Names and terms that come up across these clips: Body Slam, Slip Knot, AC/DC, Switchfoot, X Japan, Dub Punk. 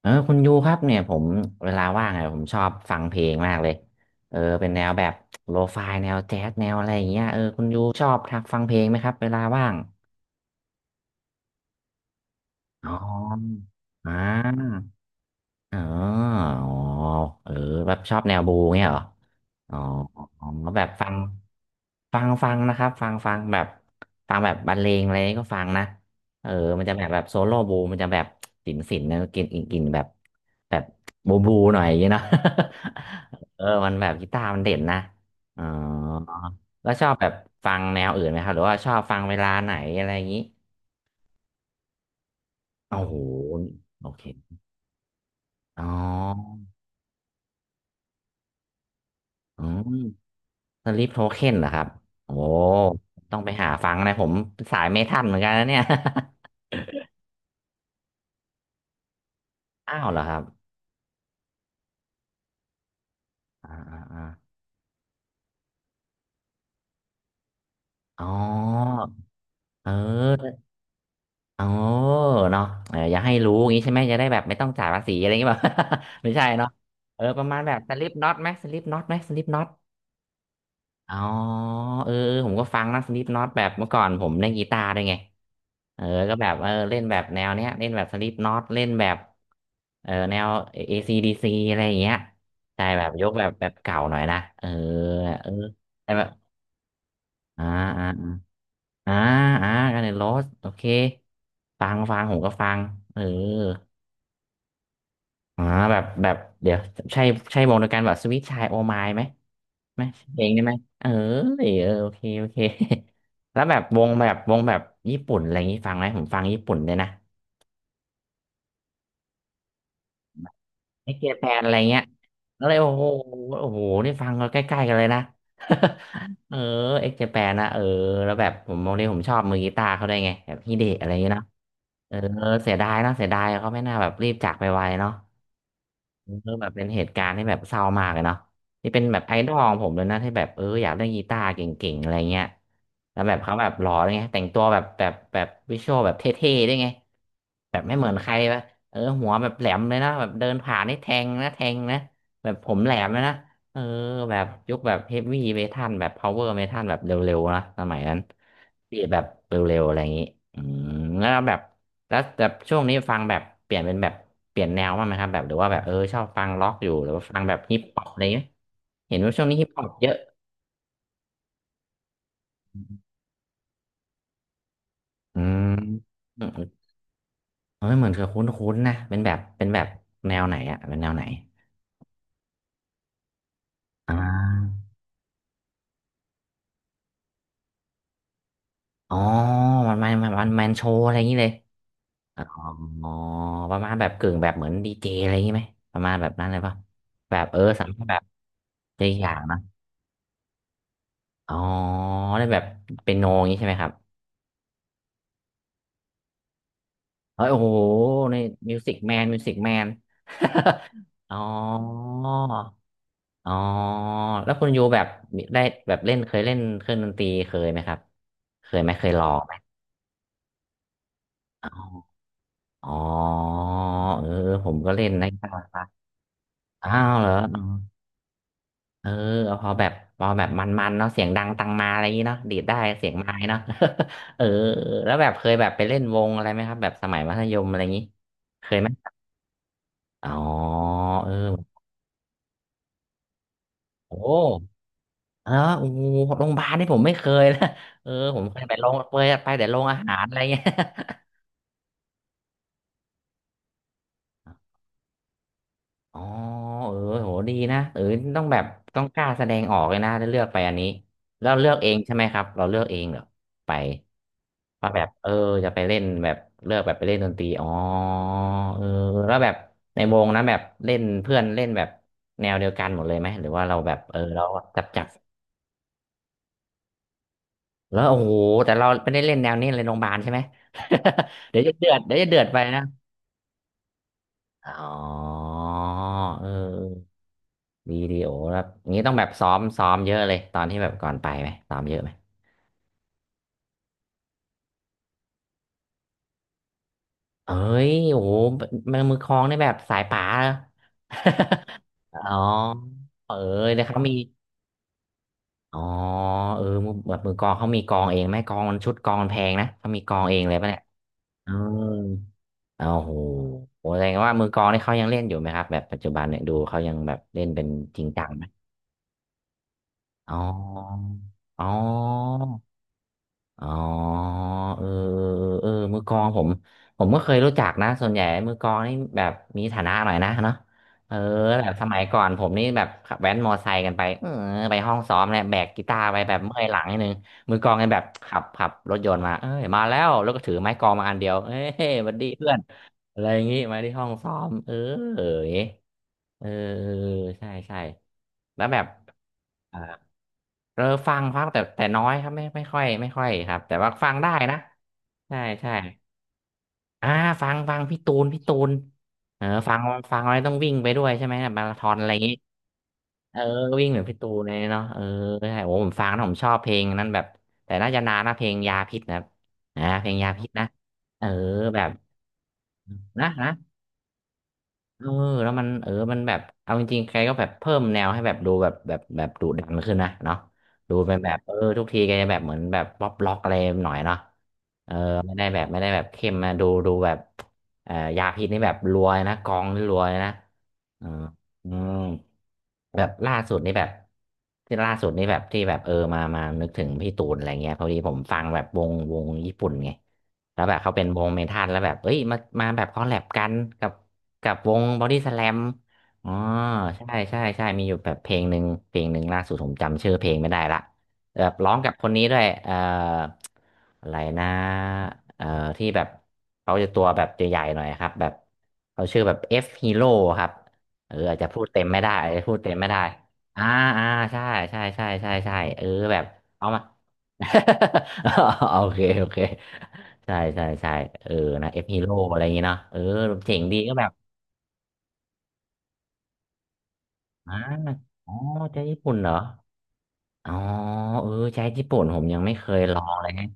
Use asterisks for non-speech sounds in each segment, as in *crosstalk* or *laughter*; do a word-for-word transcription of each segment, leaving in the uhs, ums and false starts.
เออคุณยูครับเนี่ยผมเวลาว่างอะผมชอบฟังเพลงมากเลยเออเป็นแนวแบบโลฟายแนวแจ๊สแนวอะไรอย่างเงี้ยเออคุณยูชอบทักฟังเพลงไหมครับเวลาว่างอ๋ออ่า อ๋ออ๋อเออแบบชอบแนวบูเงี้ยเหรออ๋ออ๋อแบบฟังฟังฟังนะครับฟังฟังแบบฟังแบบบรรเลงอะไรนี่ก็ฟังนะเออมันจะแบบแบบโซโล่บูมันจะแบบสินสินนะกินกินกินแบบแบบบูบูหน่อยอย่างเงี้ยเนาะ *laughs* เออมันแบบกีตาร์มันเด่นนะอ๋อแล้วชอบแบบฟังแนวอื่นไหมครับหรือว่าชอบฟังเวลาไหนอะไรอย่างนี้โอ้โหโอเคอ๋ออืม สลิปโทเค็นเหรอครับโอ้ต้องไปหาฟังนะผมสายไม่ทันเหมือนกันนะเนี่ย *laughs* อ้าวเหรอครับอ่าอ่าอาอ๋อ เออ เออเนาะเอออย่าให้รู้อย่างนี้ใช่ไหม จะได้แบบไม่ต้องจ่ายภาษีอะไรอย่างเงี้ย *laughs* แบบ *laughs* ไม่ใช่เนาะเออประมาณแบบสลิปน็อตไหมสลิปน็อตไหมสลิปน็อต อ๋อเออเออผมก็ฟังนะสลิปน็อตแบบเมื่อก่อนผมเล่นกีตาร์ด้วยไงเออก็แบบเออเล่นแบบแนวเนี้ยเล่นแบบสลิปน็อตเล่นแบบเออแนว เอ ซี ดี ซี อซีดีซีอะไรอย่างเงี้ยใช่แบบยกแบบแบบเก่าหน่อยนะเออเออแต่แบบอ่าอ่าอ่าอ่ากันในโรสโอเคฟังฟังผมก็ฟังเอออ่าแบบแบบเดี๋ยวใช่ใช่วงเดียวกันแบบสวิตช์ชายโอไมล์ไหม ไหมเพลงได้ไหมเออเออโอเคโอเค *laughs* แล้วแบบวงแบบวงแบบญี่ปุ่นอะไรอย่างนี้ฟังไหมผมฟังญี่ปุ่นเลยนะไอเกียแปนอะไรเงี้ยแล้วเลยโอ้โหโอ้โหนี่ฟังกันใกล้ๆกันเลยนะ *laughs* เออเอ็กเจแปนนะเออแล้วแบบผมวันนี้ผมชอบมือกีตาร์เขาได้วยไงแบบฮิเดะอะไรอย่างเงี้ยเนาะเออเสียดายเนาะเสียดายเขาไม่น่าแบบรีบจากไปไวเนาะ เออแบบเป็นเหตุการณ์ที่แบบเศร้ามากเลยเนาะที่เป็นแบบไอดอลของผมเลยนะ ที่แบบเอออยากเล่นกีตาร์เก่งๆอะไรเงี้ยแล้วแบบเขาแบบหล่อเลยไงแต่งตัวแบบแบบแบบวิชวลแบบเท่ๆได้วยไง แบบไม่เหมือนใครแบบเออหัวแบบแหลมเลยนะแบบเดินผ่านนี่แทงนะแทงนะแบบผมแหลมเลยนะเออแบบยุคแบบเฮฟวี่เมทัลแบบพาวเวอร์เมทัลแบบเร็วๆนะสมัยนั้นบีทแบบเร็วๆอะไรอย่างนี้อืมแล้วแบบแล้วแบบช่วงนี้ฟังแบบเปลี่ยนเป็นแบบเปลี่ยนแนวบ้างไหมครับแบบหรือว่าแบบเออชอบฟังล็อกอยู่หรือว่าฟังแบบฮิปฮอปอะไรอย่างนี้ไหมเห็นว่าช่วงนี้ฮิปฮอปเยอะอืมอืมเฮ้ยเหมือนเับคุ้นๆนะเป็นแบบเป็นแบบแนวไหนอะเป็นแนวไหนอ่า อ๋อมันมันมันมันแมนโชว์อะไรอย่างนี้เลยอ๋อประมาณแบบกึ่งแบบเหมือนดีเจอะไรอย่างนี้ไหมประมาณแบบนั้นเลยปะแบบเออสามารถแบบเจออย่างนะอ๋อได้แบบเป็นโนอย่างนี้ใช่ไหมครับเฮ้ยโอ้โหในมิวสิกแมนมิวสิกแมน *laughs* อ๋ออ๋อแล้วคุณยูแบบได้แบบเล่นเคยเล่นเครื่องดนตรีเคยไหมครับเคยไหมเคยลองไหมอ๋ออ๋อเออผมก็เล่นนะกีตาร์อ้าวเหรอ เออเอาพอแบบพอแบบมันๆเนาะเสียงดังตังมาอะไรอย่างงี้เนาะดีดได้เสียงไม้เนาะ *laughs* เออแล้วแบบเคยแบบไปเล่นวงอะไรไหมครับแบบสมัยมัธยมอะไรอย่างงี้เคยไหมอ๋อเออโอ้เออโอ้โหโรงพยาบาลนี่ผมไม่เคยนะ *laughs* เออผมเคยไปโรงเคยไปแต่โรงอาหารอะไรเงี้ย อ๋อเออโหดีนะเออต้องแบบต้องกล้าแสดงออกเลยนะถ้าเลือกไปอันนี้แล้วเลือกเองใช่ไหมครับเราเลือกเองเหรอไปว่าแบบเออจะไปเล่นแบบเลือกแบบไปเล่นดนตรีอ๋อเออแล้วแบบในวงนะแบบเล่นเพื่อนเล่นแบบแนวเดียวกันหมดเลยไหมหรือว่าเราแบบเออเราจับจับแล้วโอ้โหแต่เราไม่ได้เล่นแนวนี้เลยโรงพยาบาลใช่ไหม *laughs* เดี๋ยวจะเดือดเดี๋ยวจะเดือดไปนะอ๋อเออ วิดีโอแบบนี้ต้องแบบซ้อมซ้อมเยอะเลยตอนที่แบบก่อนไปไหมซ้อมเยอะไหมเอ้ยโอ้โหมือมือคลองนแบบสายป่าเหรอ *laughs* อ๋อเออเดี๋ยวเขามีอ๋อเออมือแบบมือกลองเขามีกลองเองไหมกลองมันชุดกลองมันแพงนะเขามีกลองเองเลยปะเนี่ยเออโอ้โหโหแสดงว่ามือกลองนี่เขายังเล่นอยู่ไหมครับแบบปัจจุบันเนี่ยดูเขายังแบบเล่นเป็นจริงจังไหมอ๋ออ๋อ อ๋อเออเออเออมือกลองผมผมก็เคยรู้จักนะส่วนใหญ่มือกลองนี่แบบมีฐานะหน่อยนะเนาะเออแบบสมัยก่อนผมนี่แบบขับแว้นมอไซค์กันไปเออไปห้องซ้อมเนี่ยแบกกีตาร์ไปแบบเมื่อยหลังนิดนึงมือกลองกันแบบขับขับรถยนต์มาเอ้ยมาแล้วแล้วก็ถือไม้กลองมาอันเดียวเอ้ยสวัสดีเพื่อนอะไรอย่างงี้มาที่ห้องซ้อมเอออย่างงี้เออเออใช่ใช่แล้วแบบ เออฟังครับแต่แต่น้อยครับไม่ไม่ค่อยไม่ค่อยครับแต่ว่าฟังได้นะใช่ใช่อ่าฟังฟังพี่ตูนพี่ตูนเออฟังฟังไว้ต้องวิ่งไปด้วยใช่ไหมแบบมาราธอนอะไรอย่างงี้เออวิ่งเหมือนพี่ตูนเลยเนาะเออใช่โอ้ผมฟังนะผมชอบเพลงนั้นแบบแต่น่าจะนานนะเพลงยาพิษนะครับอ่าเพลงยาพิษนะเออแบบนะนะ เออแล้วมันเออมันแบบเอาจริงๆแกก็แบบเพิ่มแนวให้แบบดูแบบแบบแบบดุดันขึ้นนะเนาะดูเป็นแบบเออทุกทีแกจะแบบเหมือนแบบป๊อปล็อกอะไรหน่อยเนาะเออไม่ได้แบบไม่ได้แบบเข้มนะดูดูแบบเอ่อยาพิษนี่แบบรวยนะกองนี่รวยนะเอออืมแบบล่าสุดนี่แบบที่ล่าสุดนี่แบบที่แบบเออมามานึกถึงพี่ตูนอะไรเงี้ยพอดีผมฟังแบบวงวงญี่ปุ่นไง แล้วแบบเขาเป็นวงเมทัลแล้วแบบเอ้ยมามาแบบคอลแลบกันกับกับวงบอดี้สแลมอ๋อใช่ใช่ใช่มีอยู่แบบเพลงหนึ่งเพลงหนึ่งล่าสุดผมจำชื่อเพลงไม่ได้ละแบบร้องกับคนนี้ด้วยเอ่ออะไรนะเอ่อที่แบบเขาจะตัวแบบใหญ่ๆหน่อยครับแบบเขาชื่อแบบ F Hero ครับเอออาจจะพูดเต็มไม่ได้อาจจะพูดเต็มไม่ได้อ่าอ่าใช่ใช่ใช่ใช่ใช่เออแบบเอามา *laughs* โอเคโอเค ใช่ใช่ใช่เออนะเอฟฮีโร่อะไรอย่างเงี้เนาะเออเจ๋งดีก็แบบอ่าอ๋อใจญี่ปุ่นเหรออ๋อเออใจญี่ปุ่นผมยังไม่เคยลองเลยฮะ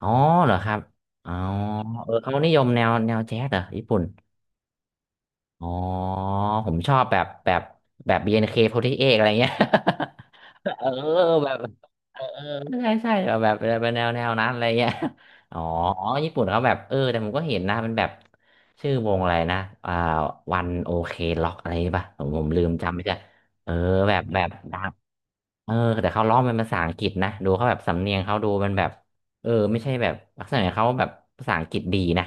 อ๋อเหรอครับอ๋อเออเขานิยมแนวแนวแจ๊สเหรอญี่ปุ่นอ๋อผมชอบแบบแบบแบบบี n เคโฟร์ตี้เอเอตอะไรเงี้ย เออแบบเออเออใช่ใช่แบบแบบเป็นแนวแนวนั้นอะไรเงี้ยอ๋ออ๋อญี่ปุ่นเขาแบบเออแต่ผมก็เห็นนะมันแบบชื่อวงอะไรนะอ่าวันโอเคล็อกอะไรป่ะผมผมลืมจำไม่ได้เออแบบแบบดังเออแต่เขาร้องเป็นภาษาอังกฤษนะดูเขาแบบสำเนียงเขาดูมันแบบเออไม่ใช่แบบลักษณะเขาแบบภาษาอังกฤษดีนะ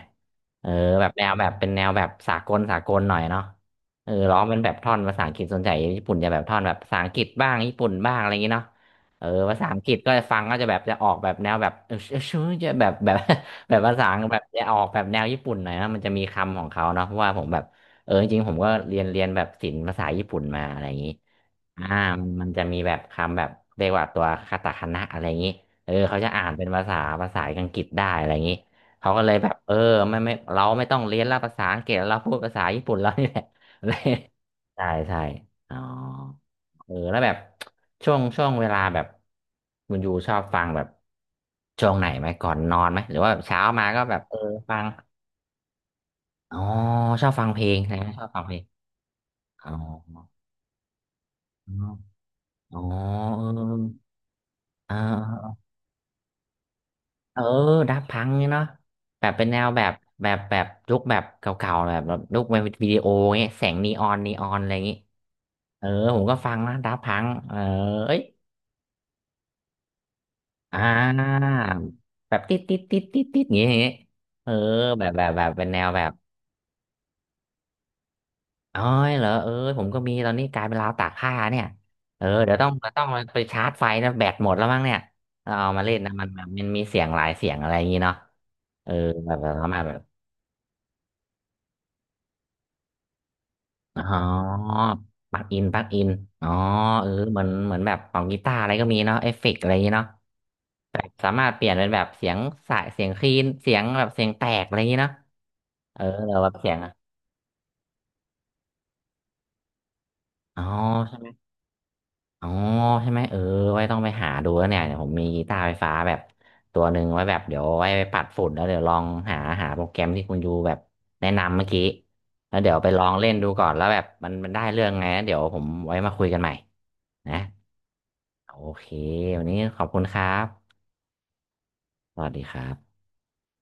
เออแบบแนวแบบเป็นแนวแบบสากลสากลหน่อยเนาะ เออร้องเป็นแบบท่อนภาษาอังกฤษส่วนใหญ่ญี่ปุ่นจะแบบท่อนแบบภาษาอังกฤษบ้างญี่ปุ่นบ้างอะไรอย่างงี้เนาะเออภาษาอังกฤษก็จะฟังก็จะแบบจะออกแบบแนวแบบ *laughs* เออชื่อจะแบบแบบ *laughs* แบบภาษาแบบจะออกแบบแนวญี่ปุ่นหน่อยนะมันจะมีคำของเขาเนาะเพราะว่าผมแบบเออจริงๆผมก็เรียนเรียนแบบศิลป์ภาษาญี่ปุ่นมาอะไรอย่างงี้ อ่ามันจะมีแบบคำแบบเรียกว่าตัวคาตาคานะอะไรอย่างนี้เออเขาจะอ่านเป็นภาษาภาษาอังกฤษได้อะไรอย่างนี้เขาก็เลยแบบเออไม่ไม่เราไม่ต้องเรียนละภาษาอังกฤษเราพูดภาษาญี่ปุ่นแล้วนี่แหละ *laughs* เลยใช่ใช่อ๋อเออแล้วแบบช่วงช่วงเวลาแบบคุณยูชอบฟังแบบช่วงไหนไหมก่อนนอนไหมหรือว่าแบบเช้ามาก็แบบเออฟังอ๋อชอบฟังเพลงใช่ไหมชอบฟังเพลงอ๋ออ๋อเอออ เออดับพังเนี่ยเนาะแบบเป็นแนวแบบแบบแบบยุคแบบเก่าๆแบบแบบยุคแบบวิดีโอเงี้ยแสงนีออนนีออนอะไรอย่างงี้เออผมก็ฟังนะดับพังเออเอ้ยอ่าแบบติดติดติดติดติดอย่างงี้อย่างงี้เออแบบแบบแบบเป็นแนวแบบอ๋อยเหรอเออผมก็มีตอนนี้กลายเป็นราวตากผ้าเนี่ยเออเดี๋ยวต้องเดี๋ยวต้องไปชาร์จไฟนะแบตหมดแล้วมั้งเนี่ยเราเอามาเล่นนะมันมันมันมีเสียงหลายเสียงอะไรอย่างงี้เนาะเออแบบแบบประมาณแบบ อ๋อปลั๊กอินปลั๊กอินอ๋อเออเหมือนเหมือนแบบของกีตาร์อะไรก็มีเนาะเอฟเฟกต์อะไรอย่างงี้เนาะแบบสามารถเปลี่ยนเป็นแบบเสียงสายเสียงคลีนเสียงแบบเสียงแตกอะไรอย่างงี้เนาะเออเราแบบเสียงอะอ๋ออ๋อใช่ไหม เออ ไว้ต้องไปหาดูแล้วเนี่ยเดี๋ยวผมมีกีตาร์ไฟฟ้าแบบตัวหนึ่งไว้แบบเดี๋ยวไว้ไปปัดฝุ่นแล้วเดี๋ยวลองหาหาโปรแกรมที่คุณยูแบบแนะนำเมื่อกี้แล้วเดี๋ยวไปลองเล่นดูก่อนแล้วแบบมันมันได้เรื่องไงนะเดี๋ยวผมไว้มาคุยกันใหม่นะ โอเควันนี้ขอบคุณครับ สวัสดีครับ